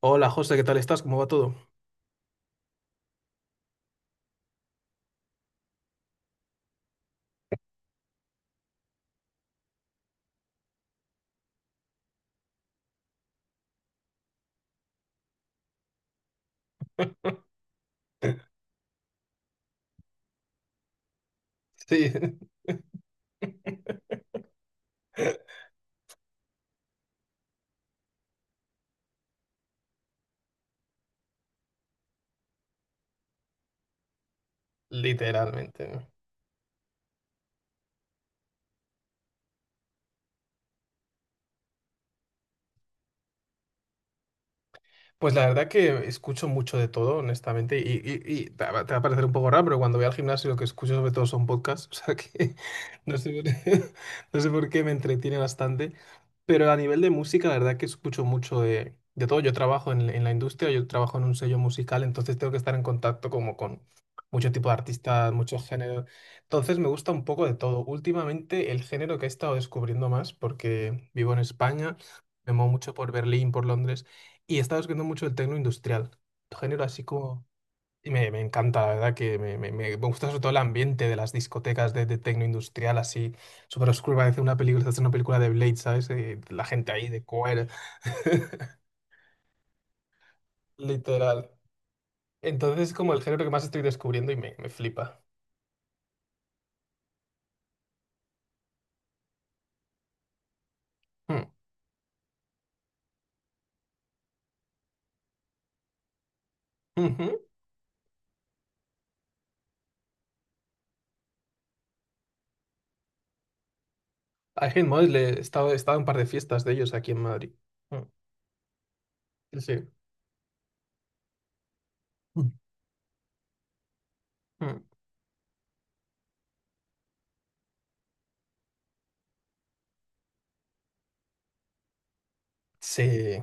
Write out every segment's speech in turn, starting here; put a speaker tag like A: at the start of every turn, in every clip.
A: Hola José, ¿qué tal estás? ¿Cómo va todo? Sí, literalmente. Pues la verdad que escucho mucho de todo, honestamente, y te va a parecer un poco raro, pero cuando voy al gimnasio lo que escucho sobre todo son podcasts, o sea que no sé por qué, no sé por qué me entretiene bastante, pero a nivel de música la verdad que escucho mucho de todo. Yo trabajo en la industria, yo trabajo en un sello musical, entonces tengo que estar en contacto como con mucho tipo de artistas, muchos géneros, entonces me gusta un poco de todo. Últimamente el género que he estado descubriendo más, porque vivo en España, me muevo mucho por Berlín, por Londres y estaba escuchando mucho el techno industrial, género así como... Y me encanta, la verdad, que me gusta sobre todo el ambiente de las discotecas de techno industrial, así súper oscuro, parece una película, es una película de Blade, ¿sabes? La gente ahí de coer, literal. Entonces es como el género que más estoy descubriendo y me flipa. Hmm. Ujú. A Hate Mosley, he estado en un par de fiestas de ellos aquí en Madrid. Hmm. Sí. Mm. Mm. Sí,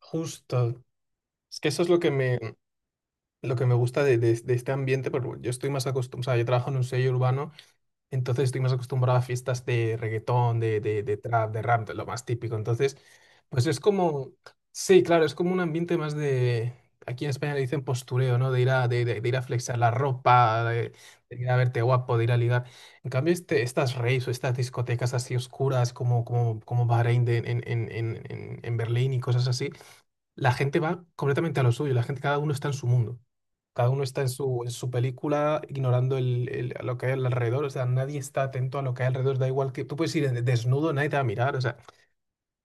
A: justo. Es que eso es lo que lo que me gusta de este ambiente, porque yo estoy más acostumbrado, o sea, yo trabajo en un sello urbano, entonces estoy más acostumbrado a fiestas de reggaetón, de trap, de rap, de lo más típico. Entonces, pues es como, sí, claro, es como un ambiente más de, aquí en España le dicen postureo, ¿no? De ir a flexar la ropa, de ir a verte guapo, de ir a ligar. En cambio, estas raves o estas discotecas así oscuras como Bahrein en en Berlín y cosas así, la gente va completamente a lo suyo, la gente, cada uno está en su mundo, cada uno está en su película, ignorando lo que hay al alrededor. O sea, nadie está atento a lo que hay alrededor, da igual, que tú puedes ir en- desnudo, nadie te va a mirar. O sea,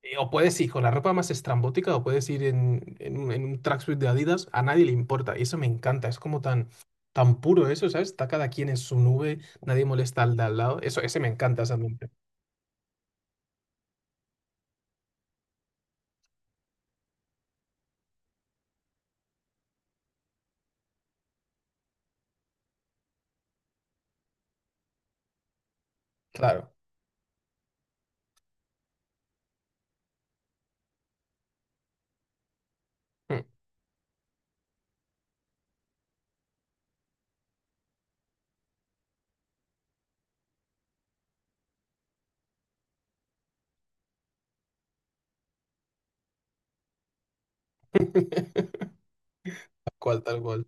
A: o puedes ir con la ropa más estrambótica, o puedes ir en un tracksuit de Adidas, a nadie le importa, y eso me encanta, es como tan puro eso, ¿sabes? Está cada quien en su nube, nadie molesta al de al lado. Eso, ese me encanta, esa mente, claro. Mm. Tal cual, tal cual.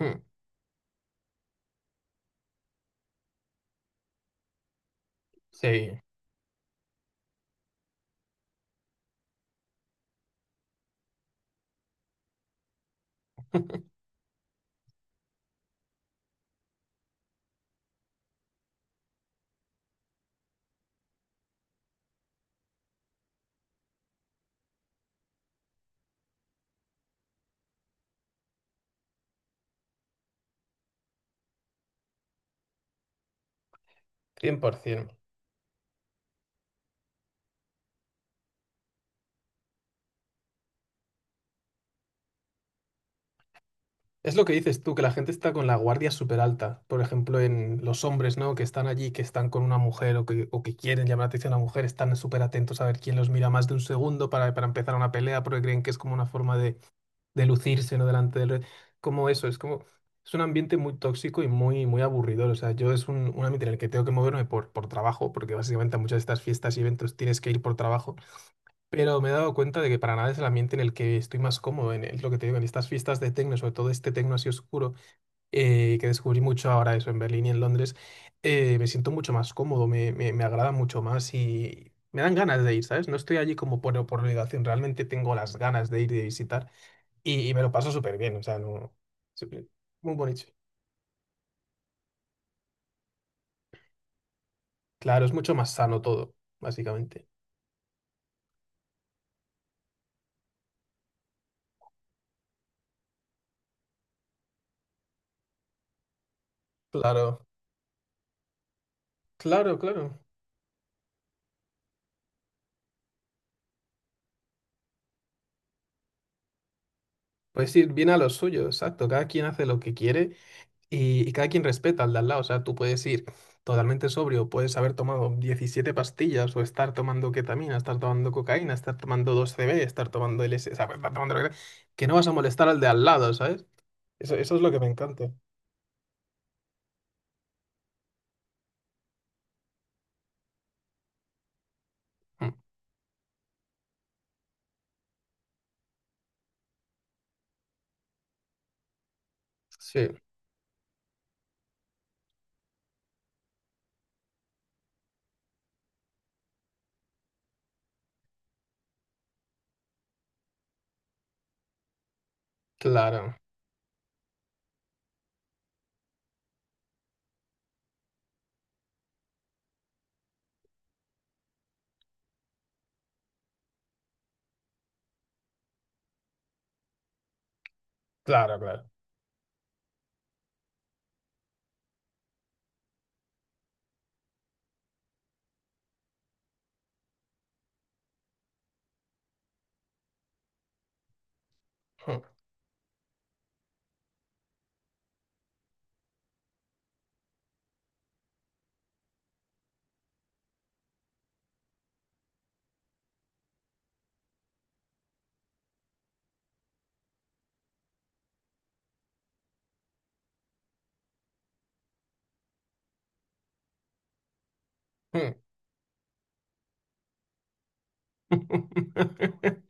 A: Mm. Sí. 100%. Es lo que dices tú, que la gente está con la guardia súper alta. Por ejemplo, en los hombres, ¿no? Que están allí, que están con una mujer o que quieren llamar la atención a una mujer, están súper atentos a ver quién los mira más de un segundo para empezar una pelea, porque creen que es como una forma de lucirse, ¿no? Delante del... re- Como eso, es como... Es un ambiente muy tóxico y muy aburridor. O sea, yo es un ambiente en el que tengo que moverme por trabajo, porque básicamente a muchas de estas fiestas y eventos tienes que ir por trabajo. Pero me he dado cuenta de que para nada es el ambiente en el que estoy más cómodo, en el- lo que te digo, en estas fiestas de tecno, sobre todo este tecno así oscuro, que descubrí mucho ahora eso en Berlín y en Londres. Me siento mucho más cómodo, me agrada mucho más y me dan ganas de ir, ¿sabes? No estoy allí como por obligación, realmente tengo las ganas de ir y de visitar, y me lo paso súper bien, o sea, no... Sí. Muy bonito. Claro, es mucho más sano todo, básicamente. Claro, claro, claro. Pues ir bien a lo suyo, exacto. Cada quien hace lo que quiere. Y cada quien respeta al de al lado, o sea, tú puedes ir totalmente sobrio, puedes haber tomado 17 pastillas o estar tomando ketamina, estar tomando cocaína, estar tomando 2CB, estar tomando LSD, o sea, estar tomando lo que sea, que no vas a molestar al de al lado, ¿sabes? Eso es lo que me encanta. Mm, sí, claro, claro, claro. Mm, mm.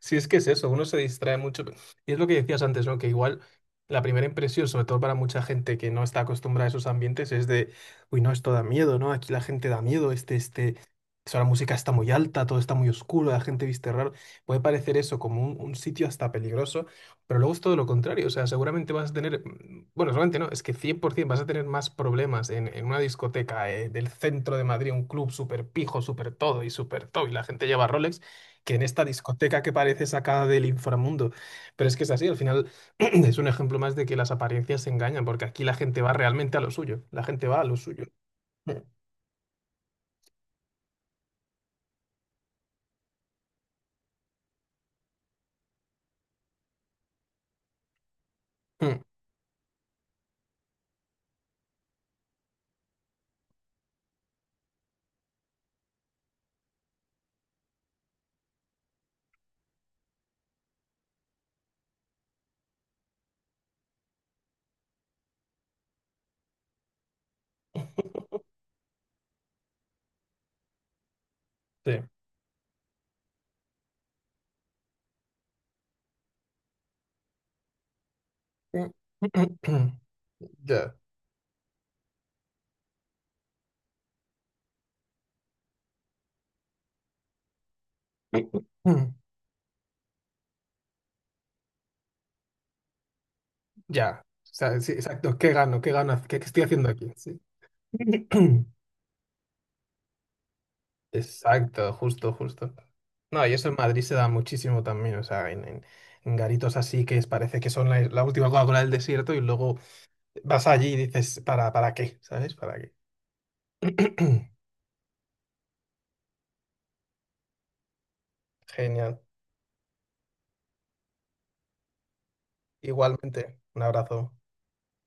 A: Sí, es que es eso, uno se distrae mucho. Y es lo que decías antes, ¿no? Que igual la primera impresión, sobre todo para mucha gente que no está acostumbrada a esos ambientes, es de, uy, no, esto da miedo, ¿no? Aquí la gente da miedo, eso, la música está muy alta, todo está muy oscuro, la gente viste raro. Puede parecer eso como un sitio hasta peligroso, pero luego es todo lo contrario. O sea, seguramente vas a tener, mm, bueno, seguramente no, es que 100% vas a tener más problemas en una discoteca, del centro de Madrid, un club súper pijo, súper todo, y la gente lleva Rolex, que en esta discoteca que parece sacada del inframundo. Pero es que es así, al final es un ejemplo más de que las apariencias se engañan, porque aquí la gente va realmente a lo suyo, la gente va a lo suyo. Mm, mm, sí. Mm, ya. Mm, ya. O sea, sí, exacto. ¿Qué gano? ¿Qué gano? ¿Qué, qué estoy haciendo aquí? Sí. Exacto, justo, justo. No, y eso en Madrid se da muchísimo también, o sea, en garitos así que es- parece que son la última Coca-Cola del desierto y luego vas allí y dices, para qué? ¿Sabes? ¿Para qué? Genial. Igualmente, un abrazo.